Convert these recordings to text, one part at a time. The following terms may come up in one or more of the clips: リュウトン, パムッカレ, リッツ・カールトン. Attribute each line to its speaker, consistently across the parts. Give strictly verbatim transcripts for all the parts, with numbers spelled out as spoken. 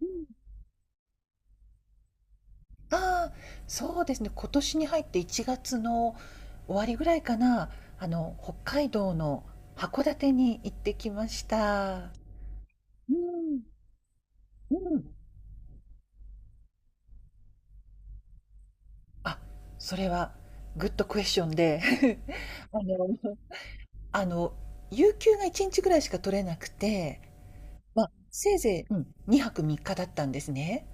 Speaker 1: うん、ああ、そうですね。今年に入っていちがつの終わりぐらいかな、あの、北海道の函館に行ってきました。うん、うん。あ、それはグッドクエスチョンで あの、あの、有給がいちにちぐらいしか取れなくて、まあ、せいぜい、うん、にはくみっかだったんですね。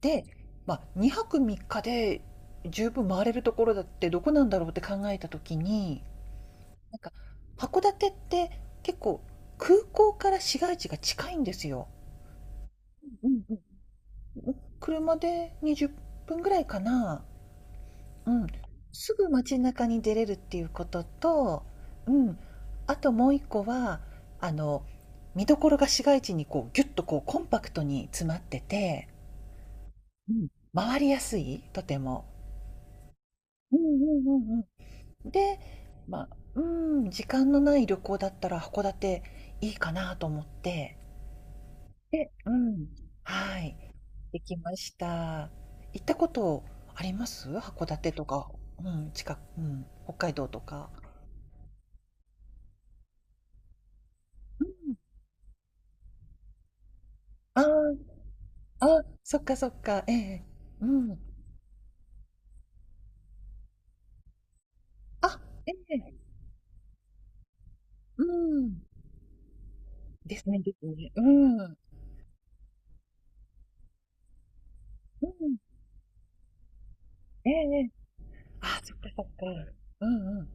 Speaker 1: で、まあ、にはくみっかで十分回れるところだってどこなんだろうって考えた時に、なんか函館って結構空港から市街地が近いんですよ。うんうん。車でにじゅっぷんぐらいかな。うん。すぐ街中に出れるっていうことと、うん。あともう一個は、あの、見どころが市街地にこうギュッとこうコンパクトに詰まってて、うん。回りやすい、とても。うんうんうんうん。で、まあ、うん、時間のない旅行だったら函館いいかなと思って、で、うん。はい、できました。行ったことあります？函館とか、うん、近く、うん、北海道とか。うん。ああ、あ、そっかそっか、ええ、うん。あ、ええ、うん。ですねですね。うん。うん。ええええ。あ、そっかそっか。うんうん。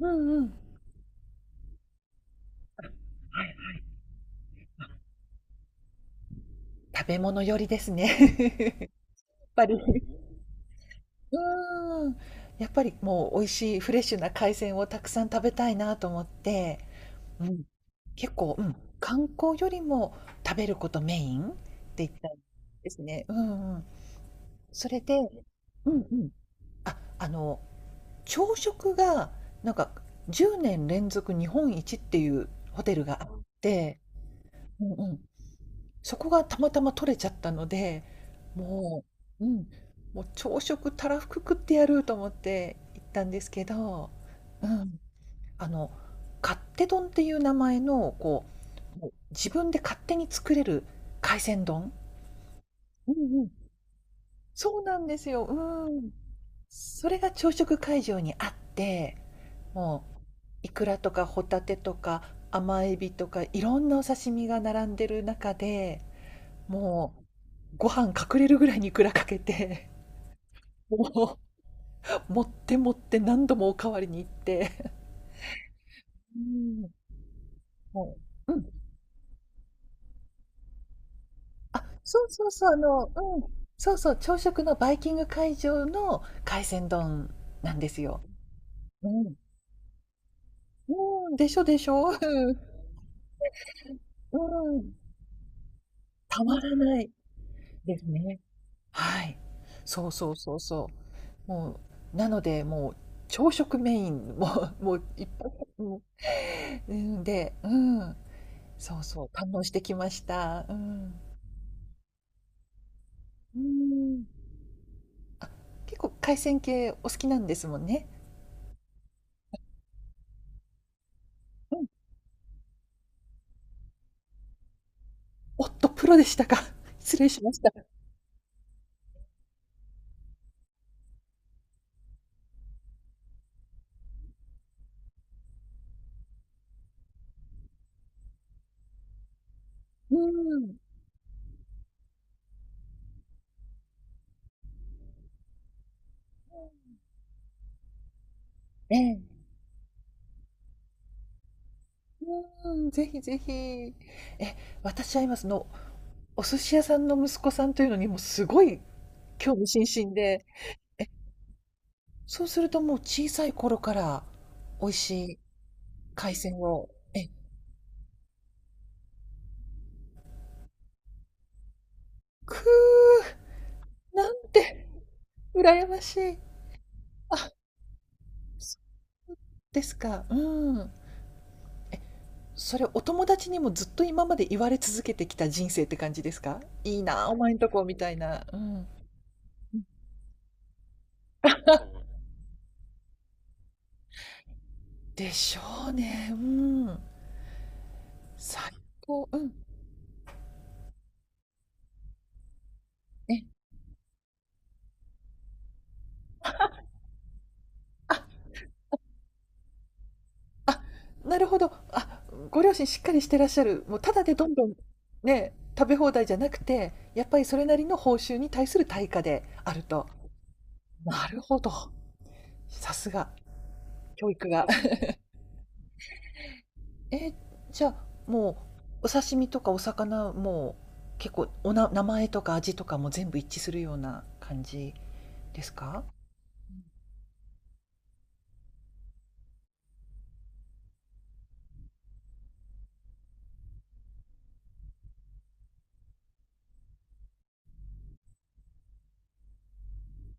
Speaker 1: うんうん。はいはい。食べ物寄りですね。やっぱり。うーん。やっぱりもう美味しいフレッシュな海鮮をたくさん食べたいなと思って、うん。結構、うん、観光よりも食べることメインって言ったんですね。うんうん。それで、うんうん。あ、あの、朝食が、なんかじゅうねん連続日本一っていうホテルがあって、うんうん。そこがたまたま取れちゃったので、もう、うん、もう朝食たらふく食ってやると思って行ったんですけど、うん。あの、勝手丼っていう名前の、こう、もう自分で勝手に作れる海鮮丼。うんうん。そうなんですよ。うーん。それが朝食会場にあって、もうイクラとかホタテとか甘エビとかいろんなお刺身が並んでる中で、もうご飯隠れるぐらいにいくらかけて、もう持って持って何度もおかわりに行って。うん。もう、うん、あ、そうそうそう、あの、うん、そうそう、朝食のバイキング会場の海鮮丼なんですよ。うん。うん、でしょでしょ。うん。うん。たまらないですね。はい。そうそうそうそう。もう、なので、もう朝食メイン、もう もういっぱい、うん、で、うん、そうそう、堪能してきました。うん。うん。結構海鮮系お好きなんですもんね。うん。おっと、プロでしたか。失礼しました。うーん。ええ。うーん、ぜひぜひ。え、私は今そのお寿司屋さんの息子さんというのにもすごい興味津々で、そうするともう小さい頃から美味しい海鮮を、え、くう、なんて羨ましい。あ、そうですか。うん。それお友達にもずっと今まで言われ続けてきた人生って感じですか？いいなあ、お前んとこみたいな。うん。でしょうね。うん。最高。うん。ね。あ、あ、なるほど。あ、ご両親しっかりしてらっしゃる。もうただでどんどんね、食べ放題じゃなくて、やっぱりそれなりの報酬に対する対価であると。なるほど。さすが、教育が。え、じゃあ、もう、お刺身とかお魚も結構おな、名前とか味とかも全部一致するような感じですか？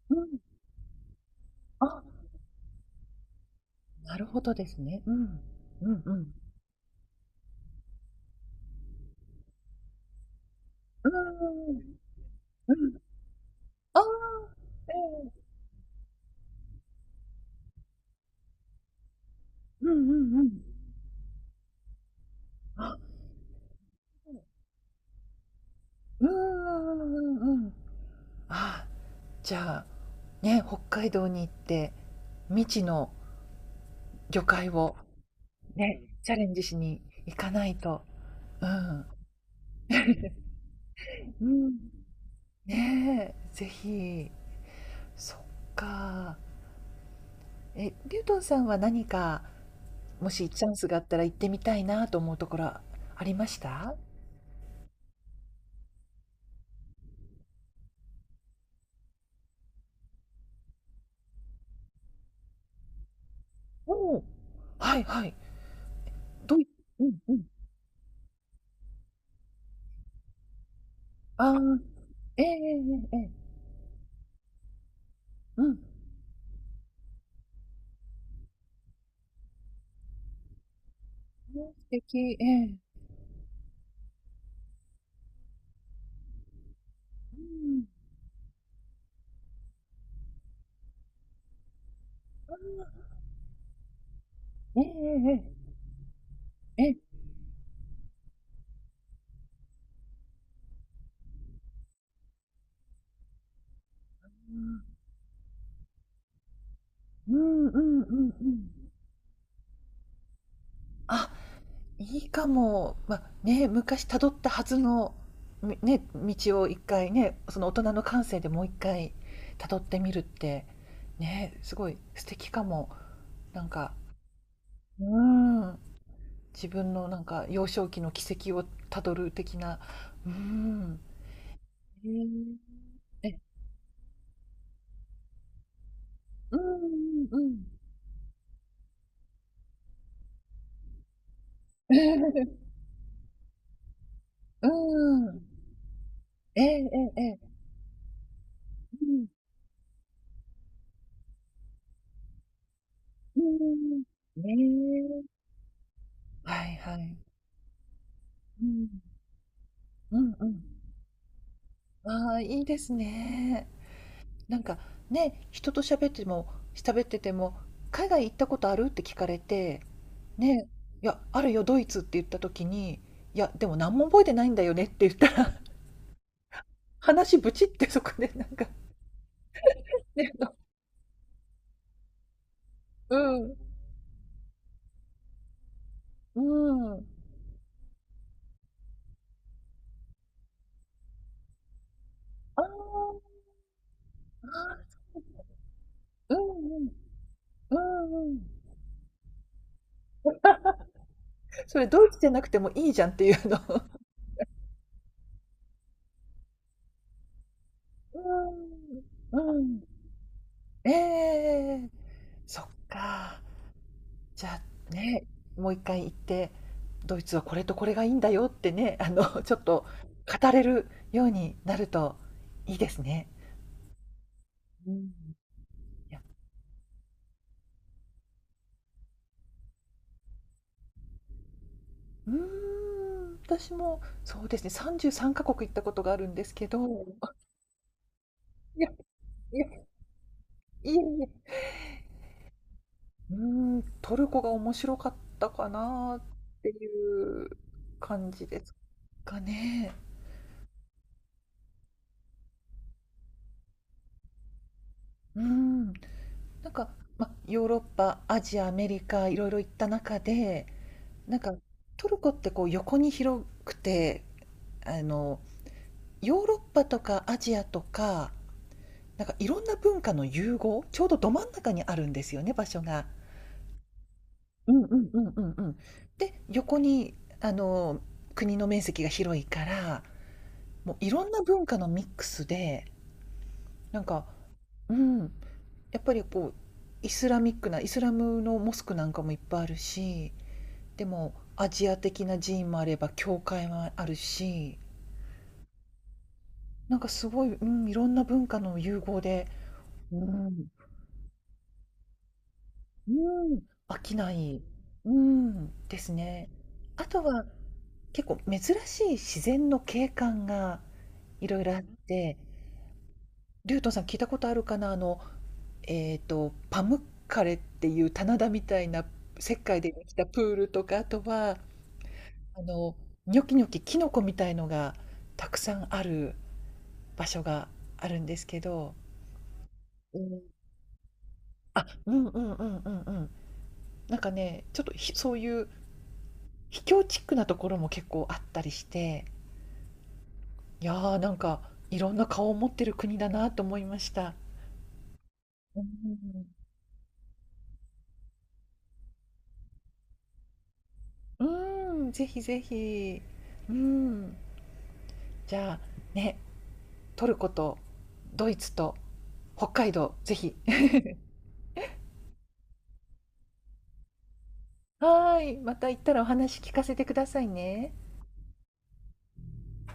Speaker 1: うん。あ、なるほどですね。うん。うんうん。うーん。うん。ああ。うんうんうん。あ、うんうんうんうんうん。あ、じゃあ、ね、北海道に行って、未知の魚介をね、チャレンジしに行かないと。うん。うん。ねえ、ぜひ。そっか。え、リュウトンさんは何か、もしチャンスがあったら行ってみたいなと思うところありました？おおー。はいはい。どうい、うんうん。ああ、ええええええ。うん。ね素敵、ええ。うん、ええええ、ええ。うんうんうんうん。あ、いいかも。まあ、ね、昔たどったはずの、みね、道を一回ね、その大人の感性でもう一回たどってみるって、ね、すごい素敵かも。なんか、うん、自分のなんか幼少期の軌跡をたどる的な、うん。ええ、え、うんうんうん。うん、ええええええ。うん。うんうんんねえ。はいはい。うん。うんうん。ああ、いいですね。なんか、ね、人と喋っても喋ってても、「海外行ったことある？」って聞かれて、ね、「いや、あるよ、ドイツ」って言った時に、「いや、でも何も覚えてないんだよね」って言ったら、話ブチってそこでなんか、ね、あのうん、うん。ああ、ああ、うんうん、うんうん。それドイツじゃなくてもいいじゃんっていうあの。うーん、うん。ええ、そっか。じゃあ、ね、もう一回行って、ドイツはこれとこれがいいんだよってね、あの、ちょっと語れるようになるといいですね。うん。いや、うーん、私もそうですね、さんじゅうさんカ国行ったことがあるんですけど、いや、いや、いえいえ、うーん、トルコが面白かったかなっていう感じですかね。うん。なんか、ま、ヨーロッパ、アジア、アメリカ、いろいろ行った中で、なんか、トルコってこう横に広くて、あの、ヨーロッパとかアジアとか、なんかいろんな文化の融合、ちょうどど真ん中にあるんですよね、場所が。うんうんうんうんうん。で、横に、あの、国の面積が広いから、もういろんな文化のミックスで、なんか、うん、やっぱりこう、イスラミックな、イスラムのモスクなんかもいっぱいあるし、でもアジア的な寺院もあれば教会もあるし、なんかすごい、うん、いろんな文化の融合で、うん、うん、飽きない、うん、ですね。あとは結構珍しい自然の景観がいろいろあって、リュウトンさん聞いたことあるかな。あの、えーと、パムッカレっていう棚田みたいな石灰でできたプールとか、あとはあのニョキニョキキノコみたいのがたくさんある。場所があるんですけど、うん。あ、うんうんうんうんうん。なんかね、ちょっと、ひそういう秘境チックなところも結構あったりして、いや、ーなんかいろんな顔を持ってる国だなと思いました。うーん。うん、ぜひぜひ。うん。じゃあ、ね、トルコとドイツと北海道、ぜひ。はーい、また行ったらお話聞かせてくださいね。